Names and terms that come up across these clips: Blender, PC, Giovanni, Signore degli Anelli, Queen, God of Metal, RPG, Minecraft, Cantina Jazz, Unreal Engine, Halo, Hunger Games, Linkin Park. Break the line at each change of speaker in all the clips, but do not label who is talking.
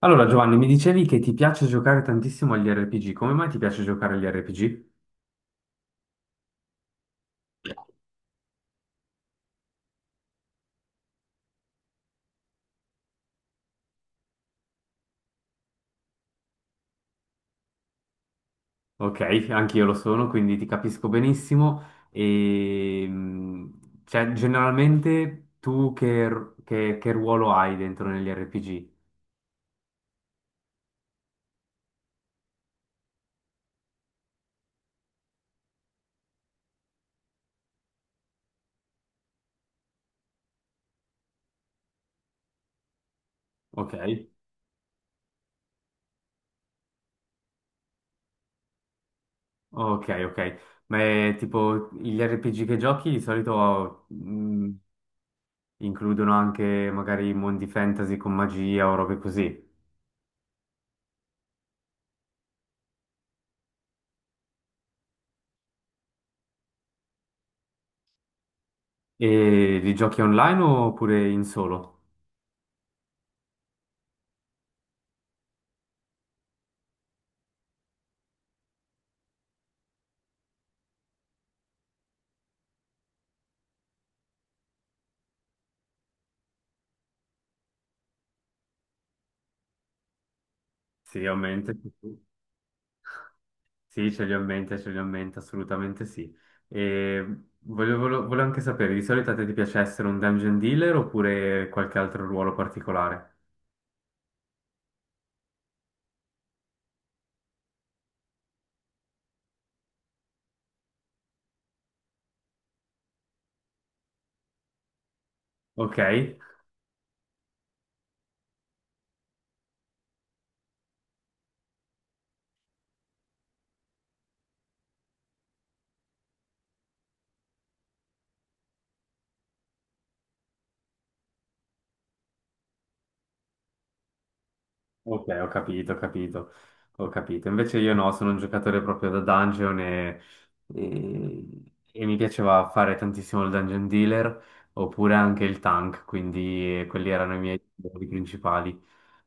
Allora, Giovanni, mi dicevi che ti piace giocare tantissimo agli RPG. Come mai ti piace giocare agli RPG? Ok, anche io lo sono, quindi ti capisco benissimo. E, cioè, generalmente tu che ruolo hai dentro negli RPG? Ok, ok, ok. Ma è tipo gli RPG che giochi di solito, includono anche magari mondi fantasy con magia o robe così. E li giochi online oppure in solo? Sì, ovviamente. Sì, sì. Sì, ce li ho in mente, ce li ho in mente, assolutamente sì. E volevo anche sapere, di solito a te ti piace essere un dungeon dealer oppure qualche altro ruolo particolare? Ok? Ok, ho capito, ho capito, ho capito. Invece io no, sono un giocatore proprio da dungeon e- e mi piaceva fare tantissimo il dungeon dealer oppure anche il tank, quindi quelli erano i miei ruoli principali.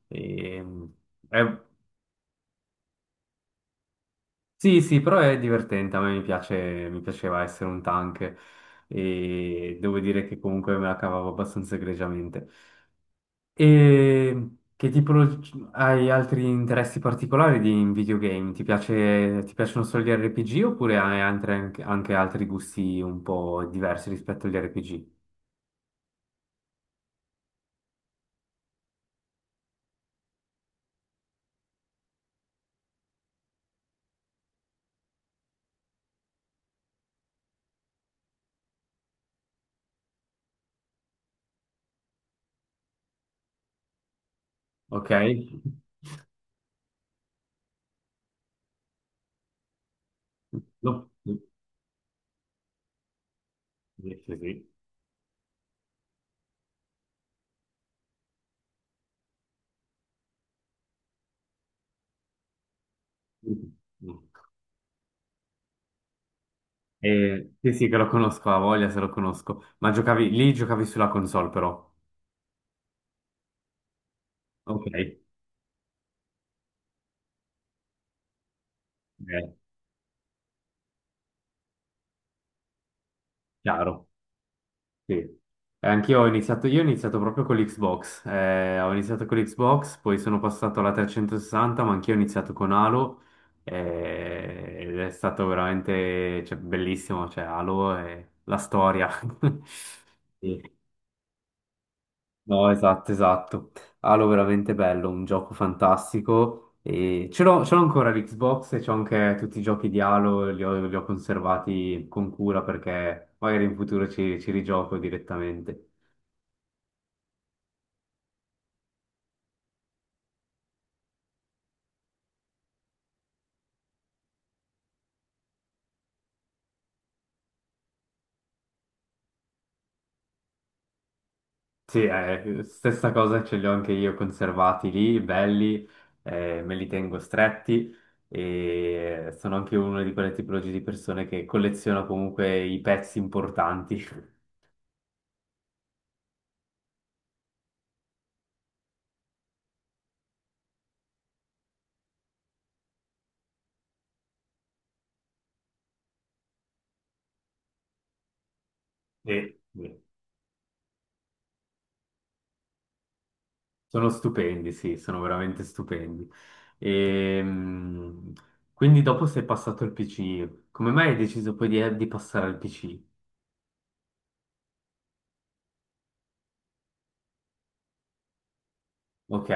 E, eh, Sì, sì, però è divertente, a me mi piace, mi piaceva essere un tank e devo dire che comunque me la cavavo abbastanza egregiamente. E che tipo hai altri interessi particolari in videogame? Ti piacciono solo gli RPG oppure hai anche altri gusti un po' diversi rispetto agli RPG? Ok? No. Sì, sì. Sì. Sì, sì, che lo conosco, a voglia se lo conosco. Ma giocavi lì, giocavi sulla console però. Ok. Eh, chiaro, sì. Anch'io ho iniziato proprio con l'Xbox, poi sono passato alla 360, ma anch'io ho iniziato con Halo, ed è stato veramente, cioè, bellissimo, cioè, Halo è la storia. Sì. No, esatto, esatto. Halo veramente bello, un gioco fantastico. E ce l'ho ancora l'Xbox e c'ho anche tutti i giochi di Halo, li ho conservati con cura perché magari in futuro ci rigioco direttamente. Sì, stessa cosa ce li ho anche io conservati lì, belli, me li tengo stretti e sono anche una di quelle tipologie di persone che colleziona comunque i pezzi importanti. Sì. Sono stupendi, sì, sono veramente stupendi. Ehm, quindi dopo sei passato al PC, come mai hai deciso poi di passare al PC? Ok?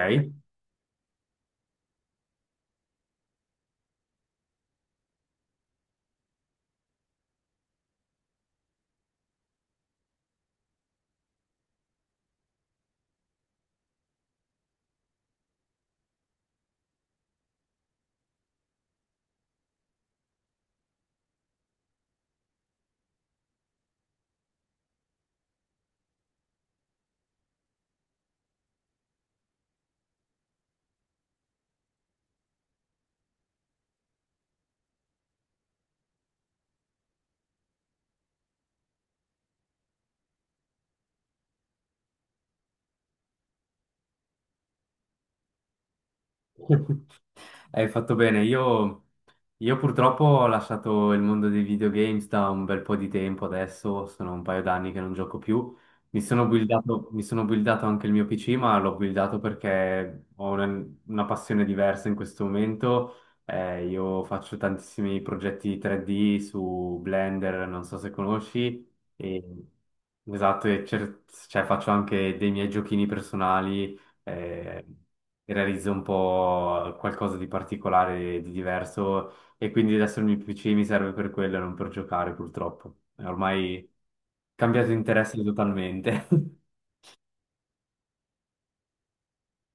Hai fatto bene, io purtroppo ho lasciato il mondo dei videogames da un bel po' di tempo adesso, sono un paio d'anni che non gioco più. Mi sono buildato anche il mio PC, ma l'ho buildato perché ho una passione diversa in questo momento. Io faccio tantissimi progetti 3D su Blender, non so se conosci, e, esatto, cioè, faccio anche dei miei giochini personali. eh, Realizzo un po' qualcosa di particolare, di diverso e quindi adesso il mio PC mi serve per quello e non per giocare purtroppo. È ormai cambiato interesse totalmente.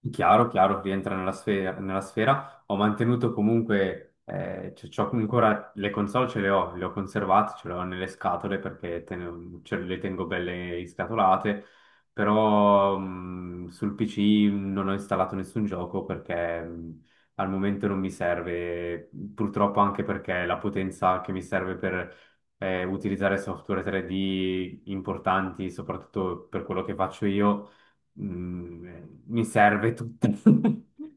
Sì, chiaro, chiaro, rientra nella sfera, nella sfera. Ho mantenuto comunque, c'ho ancora le console, ce le ho conservate, ce le ho nelle scatole perché ce le tengo belle iscatolate, però sul PC non ho installato nessun gioco perché al momento non mi serve, purtroppo anche perché la potenza che mi serve per utilizzare software 3D importanti, soprattutto per quello che faccio io. Mm, Mi serve tutto.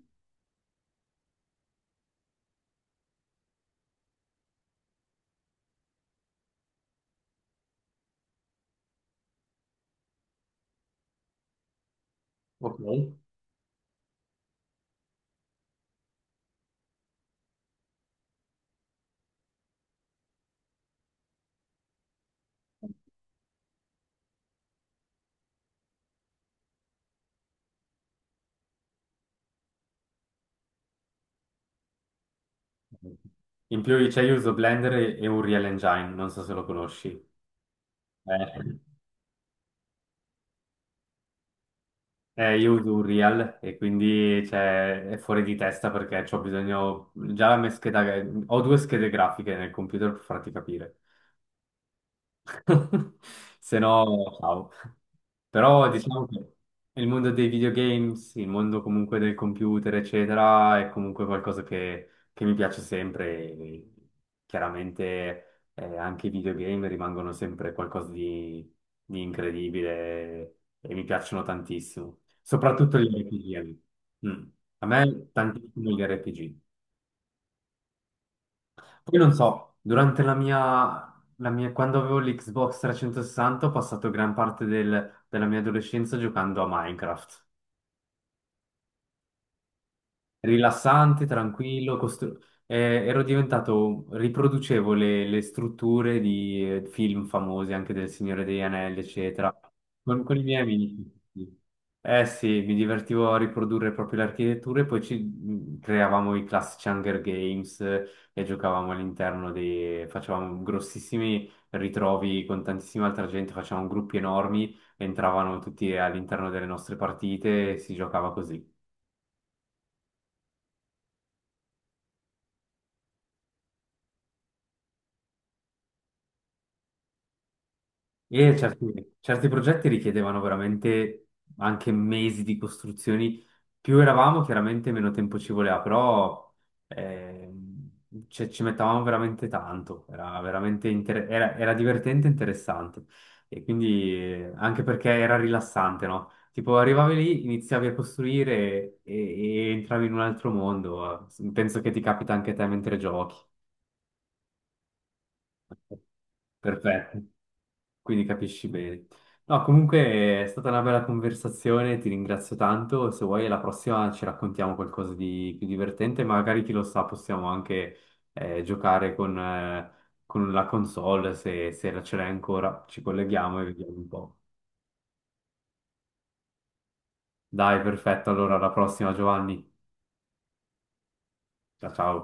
Ok. In più c'è io uso Blender e Unreal Engine, non so se lo conosci. Eh, io uso Unreal e quindi cioè, è fuori di testa perché ho bisogno... Già la mia scheda... Ho due schede grafiche nel computer per farti capire. Se no, ciao. Però diciamo che il mondo dei videogames, il mondo comunque del computer, eccetera, è comunque qualcosa che mi piace sempre. E chiaramente, anche i videogame rimangono sempre qualcosa di incredibile e mi piacciono tantissimo. Soprattutto gli RPG. Mm. A me tantissimo gli RPG. Poi non so, durante la mia, quando avevo l'Xbox 360 ho passato gran parte della mia adolescenza giocando a Minecraft rilassante, tranquillo, riproducevo le strutture di film famosi, anche del Signore degli Anelli, eccetera, con i miei amici. Sì. Eh sì, mi divertivo a riprodurre proprio le architetture, poi ci creavamo i classici Hunger Games e giocavamo all'interno dei... facevamo grossissimi ritrovi con tantissima altra gente, facevamo gruppi enormi, entravano tutti all'interno delle nostre partite e si giocava così. E certi progetti richiedevano veramente anche mesi di costruzioni. Più eravamo, chiaramente meno tempo ci voleva, però ci mettavamo veramente tanto. Era veramente era divertente e interessante. E quindi anche perché era rilassante, no? Tipo arrivavi lì, iniziavi a costruire e entravi in un altro mondo. Penso che ti capita anche a te mentre giochi. Perfetto, quindi capisci bene. No, comunque è stata una bella conversazione, ti ringrazio tanto. Se vuoi, alla prossima ci raccontiamo qualcosa di più divertente. Magari chi lo sa, possiamo anche giocare con la console se la ce l'hai ancora. Ci colleghiamo e vediamo un po'. Dai, perfetto. Allora, alla prossima, Giovanni. Ciao, ciao.